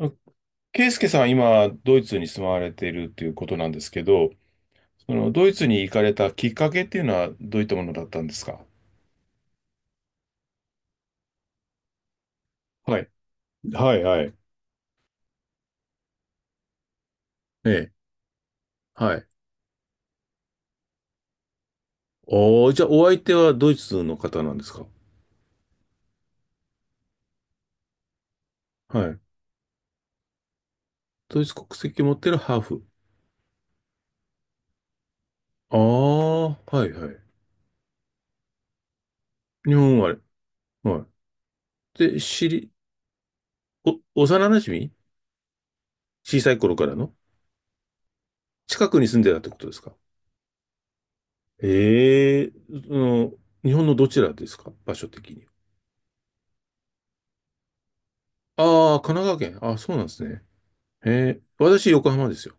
あ圭介さんは今、ドイツに住まわれているということなんですけど、そのドイツに行かれたきっかけっていうのはどういったものだったんですか？はい、はい、はい。ええ、はい。おー、じゃあお相手はドイツの方なんですか？はい。ドイツ国籍持ってるハーフ。ああ、はいはい。日本生まれ。はい。で、幼馴染、小さい頃からの近くに住んでたってことですか？ええ、その、日本のどちらですか、場所的に？ああ、神奈川県。あ、そうなんですね。へえ、私、横浜ですよ。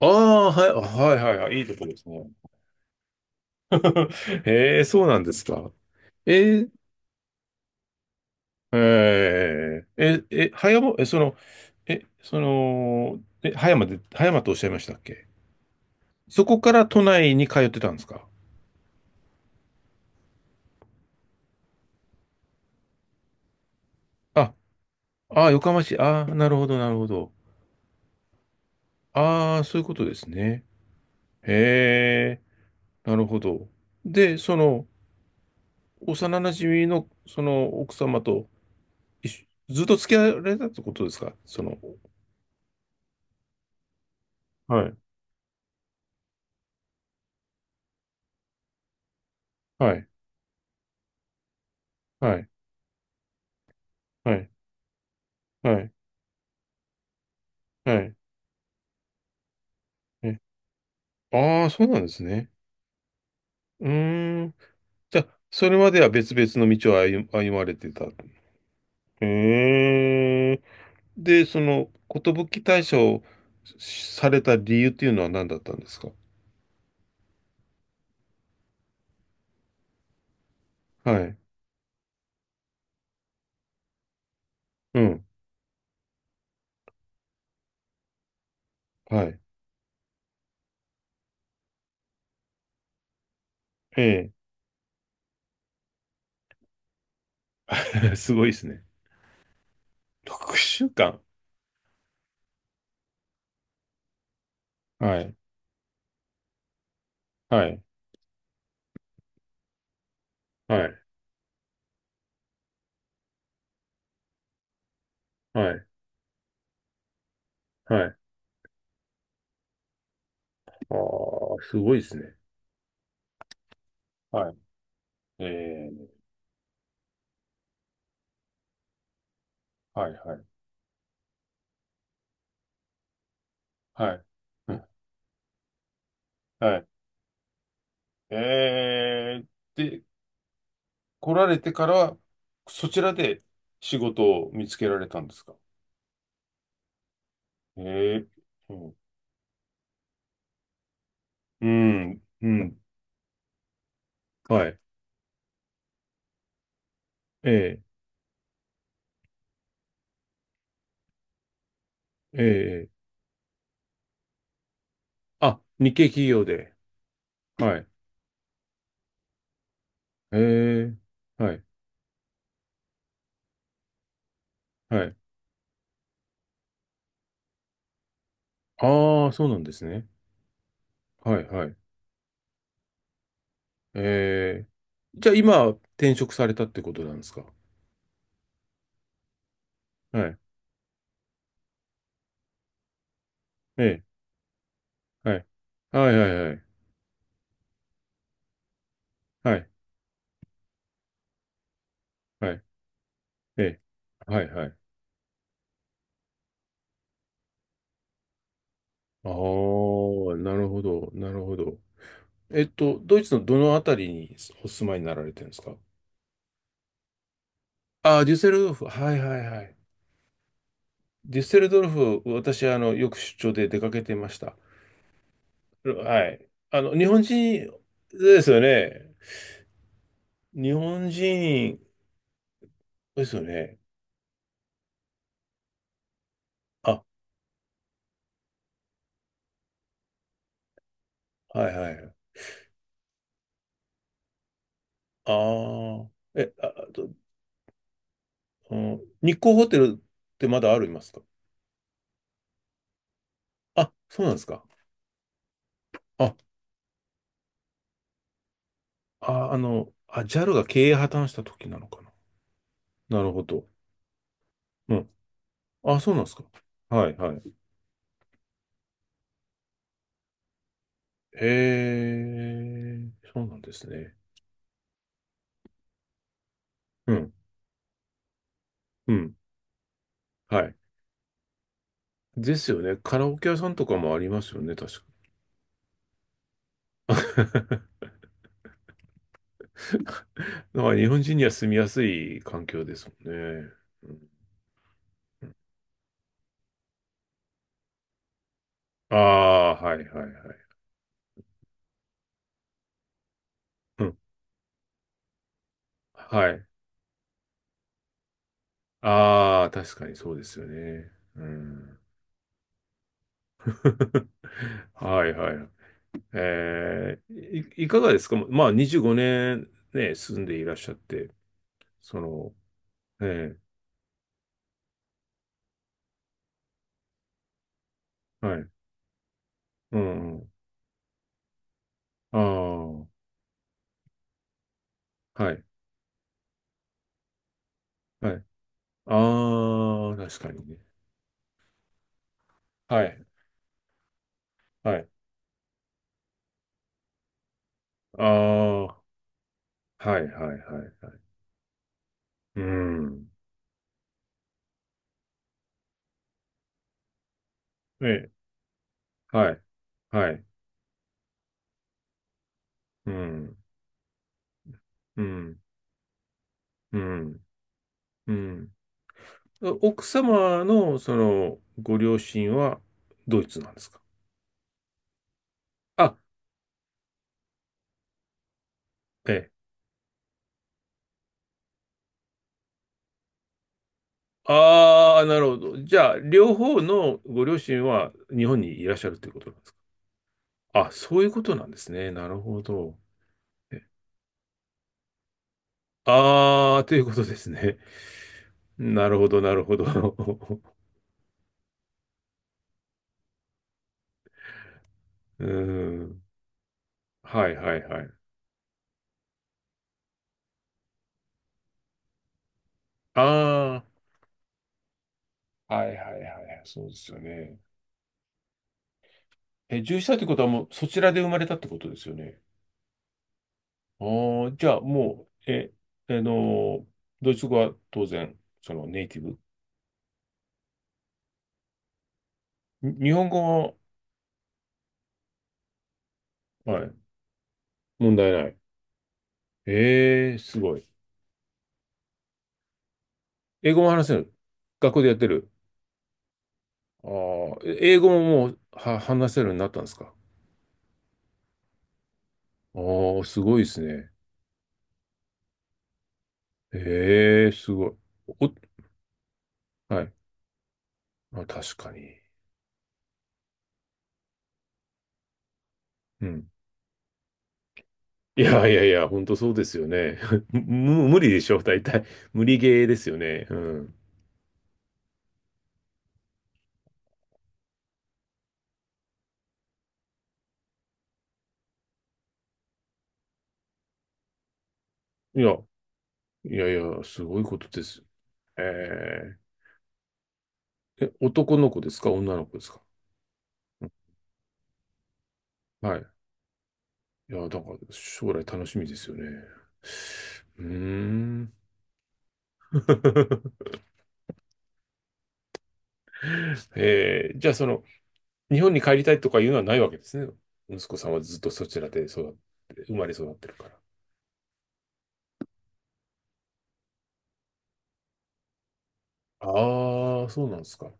ああ、はい、あ、はい、はい、はい、いいとこですね。へえ、そうなんですか。えー、葉山、え、その、え、その、え、葉山で、葉山とおっしゃいましたっけ？そこから都内に通ってたんですか？あ、ああ、横浜市、ああ、なるほど、なるほど。ああ、そういうことですね。へえ、なるほど。で、その、幼馴染の、その、奥様と、一緒ずっと付き合われたってことですか、その？はい、はい、はい、はい、はい、はい。ね、ああ、そうなんですね。うーん。じゃあ、それまでは別々の道を歩まれてた。へえ。で、その、寿退社をされた理由っていうのは何だったんですか？はい。うん。はい。ええ。すごいですね。6週間。はい。はい。はい。はい。はい。ああ、すごいですね。はい。ええ、はい、はい。はい。うん、はい。えー、で、来られてから、そちらで仕事を見つけられたんですか？えー、うん、うん、うん。はい。ええ、ええ、あ、日系企業で。はい。ええ、はい、はい。ああ、そうなんですね。はい、はい。ええ、じゃあ今、転職されたってことなんですか？はい。ええ、はい。はい、はい、はい。はい、はい。ええ、はい、はい。ああ、なるほど、なるほど。ドイツのどのあたりにお住まいになられてるんですか？ああ、デュッセルドルフ。はいはいはい。デュッセルドルフ、私、あの、よく出張で出かけてました。はい。あの、日本人ですよね。日本人ですよね。あ、はいはい。ああ、あと、うん、日光ホテルってまだありますか？あ、そうなんですか。あ、ジャルが経営破綻した時なのかな。なるほど。うん。あ、そうなんですか。はい、はい。へえ、そうなんですね。うん、うん。はい。ですよね。カラオケ屋さんとかもありますよね、確か。だから日本人には住みやすい環境ですもんね。うん、ああ、はい、はい、はい。うん。はい。ああ、確かにそうですよね。うん。はい、はい。いかがですか、まあ、25年ね、住んでいらっしゃって、その。ええ、はい。うん、ああ、はい、はい。ああ、確かにね。はい、はい。ああ、はい、はい、はい、はい。うん。ええ、はい、はい。うん、うん、うん、うん。奥様の、その、ご両親は、ドイツなんですか？あ、ええ。ああ、なるほど。じゃあ、両方のご両親は、日本にいらっしゃるということなんですか？あ、そういうことなんですね。なるほど。ああ、ということですね。なるほど、なるほど。うーん。はいはいはい。ああ、はいはいはい。そうですよね。獣医さんってことはもうそちらで生まれたってことですよね。ああ、じゃあもう、え、あの、ドイツ語は当然、そのネイティブ。に日本語は、はい、問題ない。ええ、すごい。英語も話せる。学校でやってる。ああ、英語ももうは話せるようになったんですか。ああ、すごいですね。ええ、すごい。お、はい。あ、確かに。うん。いやいやいや、本当そうですよね。無理でしょ、大体。無理ゲーですよね。うん。いや、いやいや、すごいことです。ええ。男の子ですか？女の子ですか？うん、はい。いや、だから将来楽しみですよね。うーん。ええ、じゃあその、日本に帰りたいとかいうのはないわけですね。息子さんはずっとそちらで育って、生まれ育ってるから。ああ、そうなんですか。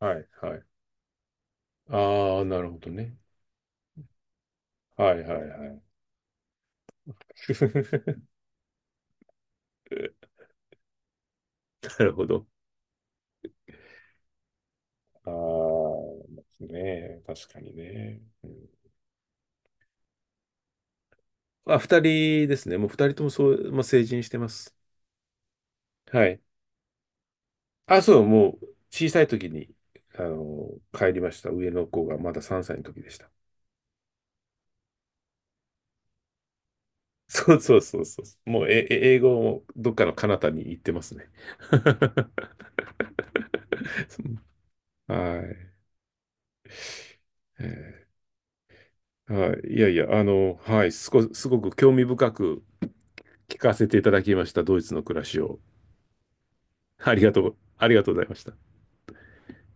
はい、はい。ああ、なるほどね。はい、はい、はい。なるほど。ああ、ねえ、確かにね。うん。あ、二人ですね。もう二人ともそう、まあ、成人してます。はい。あ、そう、もう小さい時に、あの、帰りました。上の子がまだ3歳の時でした。そうそうそうそう。もう、英語もどっかの彼方に行ってますね。はい。えーはい、いやいや、あの、はい、すごく興味深く聞かせていただきました、ドイツの暮らしを。ありがとう、ありがとうございました。